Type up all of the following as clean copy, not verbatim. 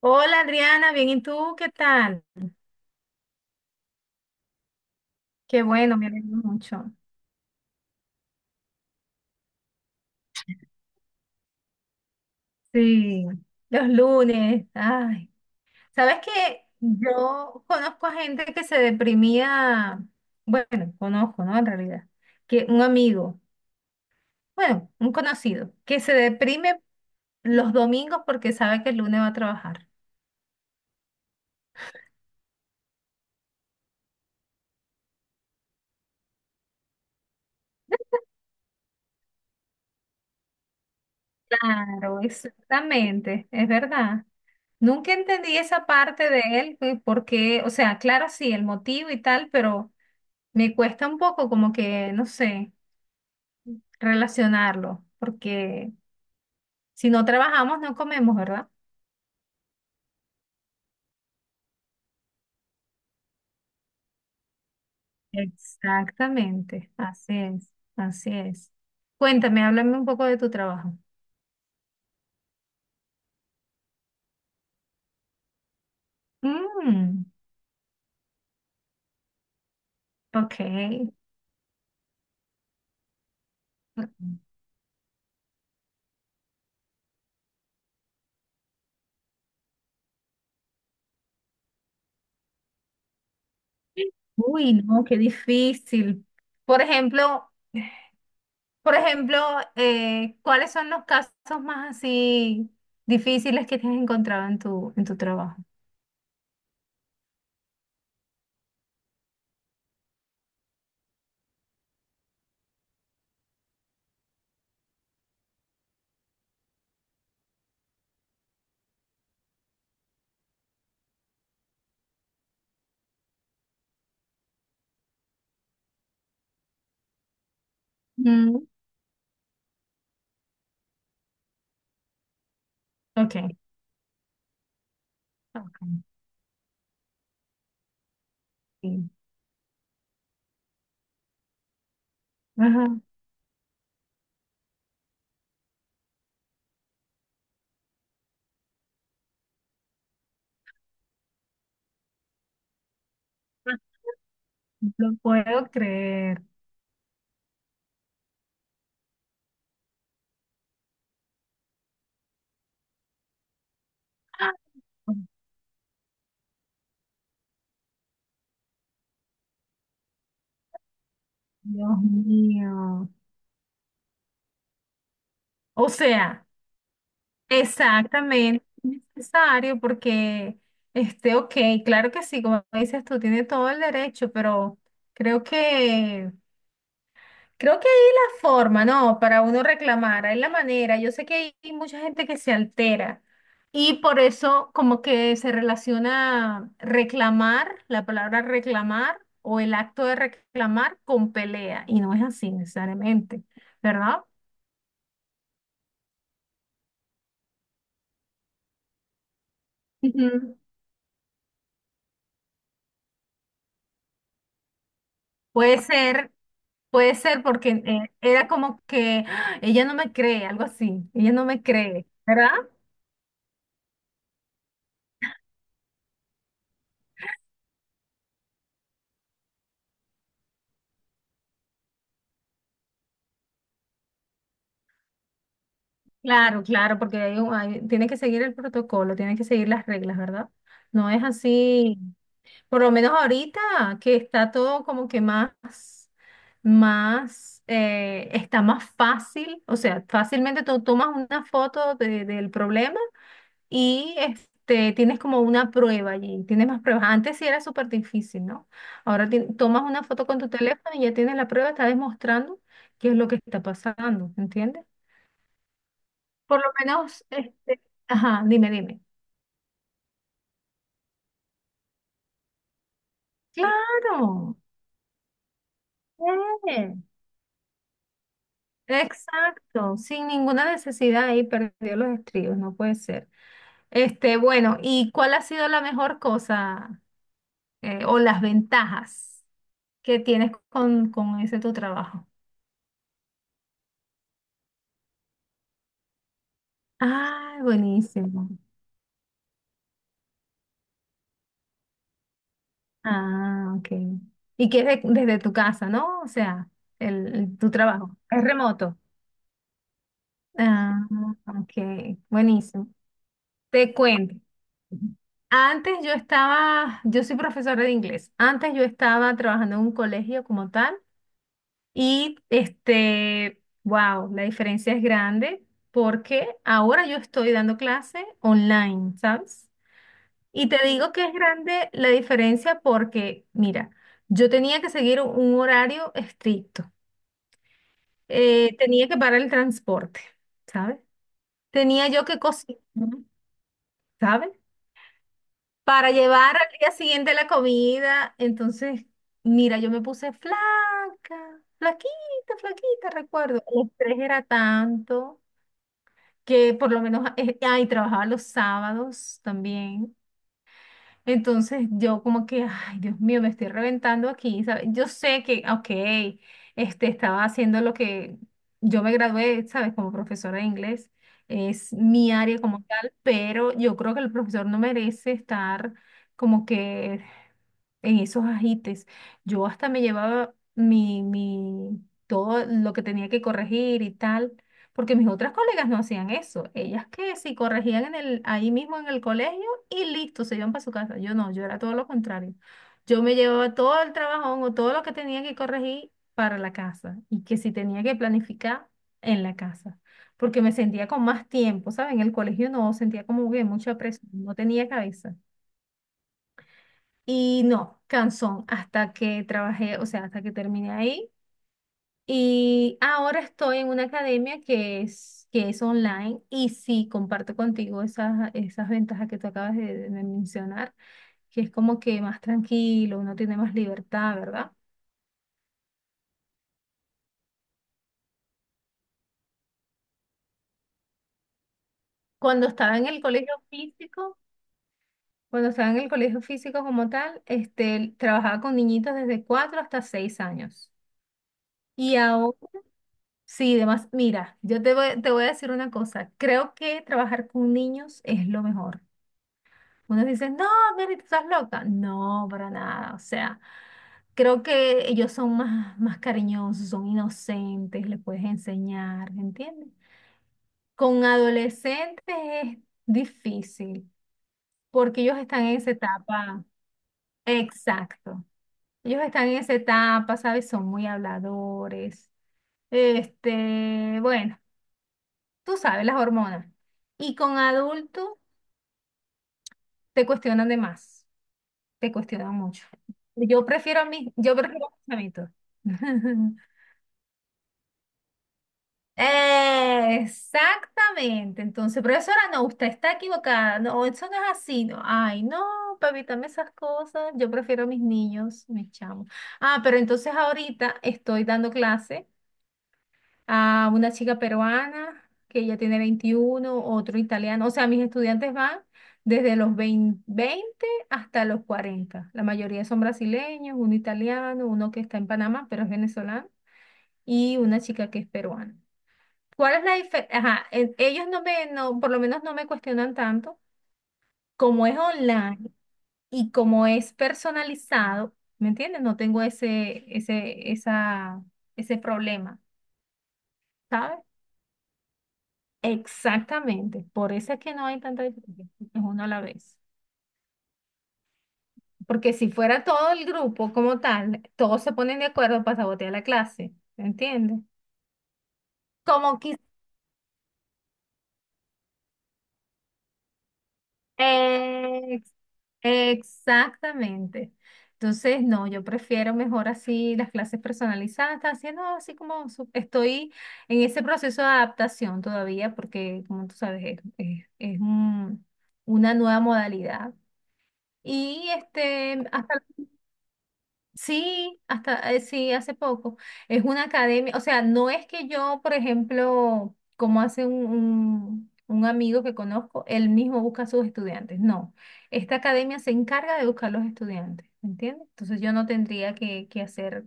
Hola Adriana, bien, ¿y tú qué tal? Qué bueno, me alegro mucho. Sí, los lunes, ay. ¿Sabes qué? Yo conozco a gente que se deprimía, bueno, conozco, ¿no? En realidad, que un amigo, bueno, un conocido, que se deprime los domingos porque sabe que el lunes va a trabajar. Claro, exactamente, es verdad. Nunca entendí esa parte de él, güey, porque, o sea, claro, sí, el motivo y tal, pero me cuesta un poco como que, no sé, relacionarlo, porque si no trabajamos no comemos, ¿verdad? Exactamente, así es, así es. Cuéntame, háblame un poco de tu trabajo. Mm, ok. Ujú. Uy, no, qué difícil. Por ejemplo, por ejemplo, ¿cuáles son los casos más así difíciles que te has encontrado en tu trabajo? Mm, ok. Ok, sí. Ajá. Lo puedo creer. ¡Ah! Oh, Dios mío. O sea, exactamente necesario porque, este, ok, claro que sí, como dices tú, tiene todo el derecho, pero creo que creo que hay la forma, ¿no? Para uno reclamar, hay la manera. Yo sé que hay mucha gente que se altera y por eso como que se relaciona reclamar, la palabra reclamar o el acto de reclamar con pelea y no es así necesariamente, ¿verdad? Ujú. Puede ser, puede ser porque era como que "Ah, ella no me cree", algo así, ella no me cree, ¿verdad? Claro, claro, porque tiene que seguir el protocolo, tiene que seguir las reglas, ¿verdad? No es así, por lo menos ahorita que está todo como que más, más, está más fácil, o sea, fácilmente tú tomas una foto del problema y este, tienes como una prueba allí, tienes más pruebas. Antes sí era súper difícil, ¿no? Ahora tomas una foto con tu teléfono y ya tienes la prueba, está demostrando qué es lo que está pasando, ¿entiendes? Por lo menos, este, ajá, dime, dime. Sí. Claro, eh, exacto, sin ninguna necesidad ahí perdió los estribos, no puede ser. Este, bueno, ¿y cuál ha sido la mejor cosa o las ventajas que tienes con ese tu trabajo? Ah, buenísimo. Ah, ok. Y que es desde tu casa, ¿no? O sea, el, tu trabajo es remoto. Ah, ok, buenísimo. Te cuento. Antes yo estaba, yo soy profesora de inglés. Antes yo estaba trabajando en un colegio como tal y este, wow, la diferencia es grande porque ahora yo estoy dando clase online, ¿sabes? Y te digo que es grande la diferencia porque, mira, yo tenía que seguir un horario estricto. Tenía que parar el transporte, ¿sabes? Tenía yo que cocinar, ¿sabes? Para llevar al día siguiente la comida. Entonces, mira, yo me puse flaca, flaquita, flaquita, recuerdo. El estrés era tanto que por lo menos, ay, trabajaba los sábados también. Entonces yo como que, ay, Dios mío, me estoy reventando aquí, ¿sabes? Yo sé que, ok, este, estaba haciendo lo que yo me gradué, ¿sabes? Como profesora de inglés, es mi área como tal, pero yo creo que el profesor no merece estar como que en esos ajites. Yo hasta me llevaba todo lo que tenía que corregir y tal, porque mis otras colegas no hacían eso. Ellas que sí corregían en el, ahí mismo en el colegio y listo, se iban para su casa. Yo no, yo era todo lo contrario. Yo me llevaba todo el trabajón o todo lo que tenía que corregir para la casa y que si tenía que planificar en la casa. Porque me sentía con más tiempo, ¿saben? En el colegio no, sentía como que mucha presión, no tenía cabeza. Y no, Canson, hasta que trabajé, o sea, hasta que terminé ahí. Y ahora estoy en una academia que es online y sí, comparto contigo esas ventajas que tú acabas de mencionar, que es como que más tranquilo, uno tiene más libertad, ¿verdad? Cuando estaba en el colegio físico, cuando estaba en el colegio físico como tal, este, trabajaba con niñitos desde 4 hasta 6 años. Y ahora sí, además, mira, yo te voy a decir una cosa. Creo que trabajar con niños es lo mejor. Unos dicen, no, Mary, tú estás loca. No, para nada. O sea, creo que ellos son más, más cariñosos, son inocentes, les puedes enseñar, ¿entiendes? Con adolescentes es difícil porque ellos están en esa etapa. Exacto. Ellos están en esa etapa, ¿sabes? Son muy habladores. Este, bueno, tú sabes, las hormonas. Y con adultos te cuestionan de más, te cuestionan mucho. Yo prefiero a mí, yo prefiero a mis chamitos. Exactamente, entonces, profesora, no, usted está equivocada, no, eso no es así, no, ay, no, para evitarme esas cosas, yo prefiero a mis niños, mis chamos. Ah, pero entonces ahorita estoy dando clase a una chica peruana que ya tiene 21, otro italiano. O sea, mis estudiantes van desde los 20 20 hasta los 40. La mayoría son brasileños, uno italiano, uno que está en Panamá, pero es venezolano, y una chica que es peruana. ¿Cuál es la diferencia? Ajá, ellos no me, no, por lo menos no me cuestionan tanto. Como es online y como es personalizado, ¿me entiendes? No tengo ese problema. ¿Sabes? Exactamente, por eso es que no hay tanta diferencia, es uno a la vez. Porque si fuera todo el grupo como tal, todos se ponen de acuerdo para sabotear la clase, ¿entiendes? Como quis- ex- Exactamente. Entonces, no, yo prefiero mejor así las clases personalizadas, haciendo así estoy en ese proceso de adaptación todavía, porque como tú sabes, es una nueva modalidad. Y este, hasta sí, hasta, sí, hace poco. Es una academia, o sea, no es que yo, por ejemplo, como hace un amigo que conozco, él mismo busca a sus estudiantes. No, esta academia se encarga de buscar los estudiantes, ¿me entiendes? Entonces yo no tendría que hacer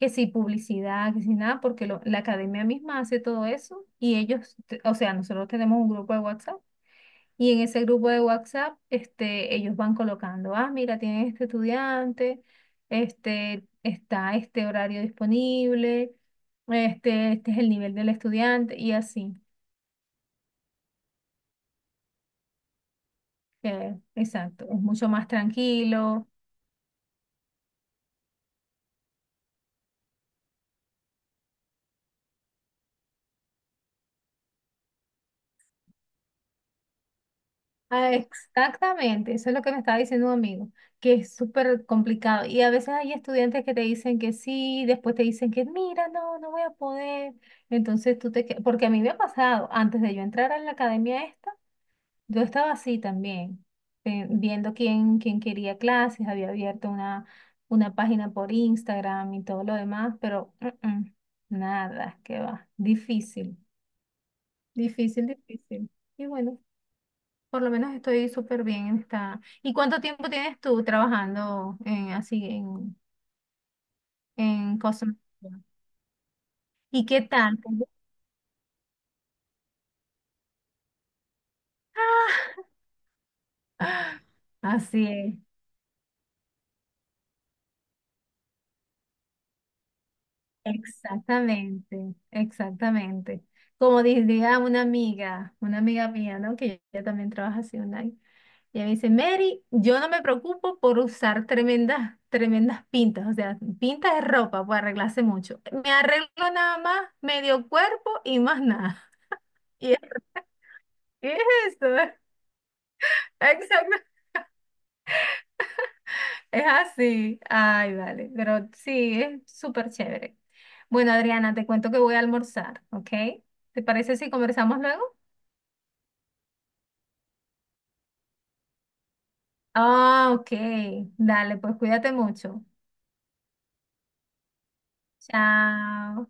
que si publicidad, que si nada, porque la academia misma hace todo eso y ellos, o sea, nosotros tenemos un grupo de WhatsApp. Y en ese grupo de WhatsApp, este, ellos van colocando, ah, mira, tienen este estudiante, este, está este horario disponible, este es el nivel del estudiante, y así. Exacto, es mucho más tranquilo. Ah, exactamente, eso es lo que me estaba diciendo un amigo, que es súper complicado. Y a veces hay estudiantes que te dicen que sí, después te dicen que mira, no, no voy a poder. Entonces porque a mí me ha pasado, antes de yo entrar a la academia esta, yo estaba así también, viendo quién quería clases, había abierto una página por Instagram y todo lo demás, pero mm, mm, nada, que va, difícil, difícil, difícil. Y bueno, por lo menos estoy súper bien en esta. ¿Y cuánto tiempo tienes tú trabajando en cosas? ¿Y qué tal? Así es. Exactamente, exactamente. Como diría una amiga mía, ¿no? Que ella también trabaja así online. Y ella me dice, Mary, yo no me preocupo por usar tremendas, tremendas pintas, o sea, pintas de ropa, pues arreglarse mucho. Me arreglo nada más medio cuerpo y más nada. Y es, ¿qué es eso? Exactamente. Es así. Ay, vale. Pero sí, es súper chévere. Bueno, Adriana, te cuento que voy a almorzar, ¿ok? ¿Te parece si conversamos luego? Ah, ok. Dale, pues cuídate mucho. Chao.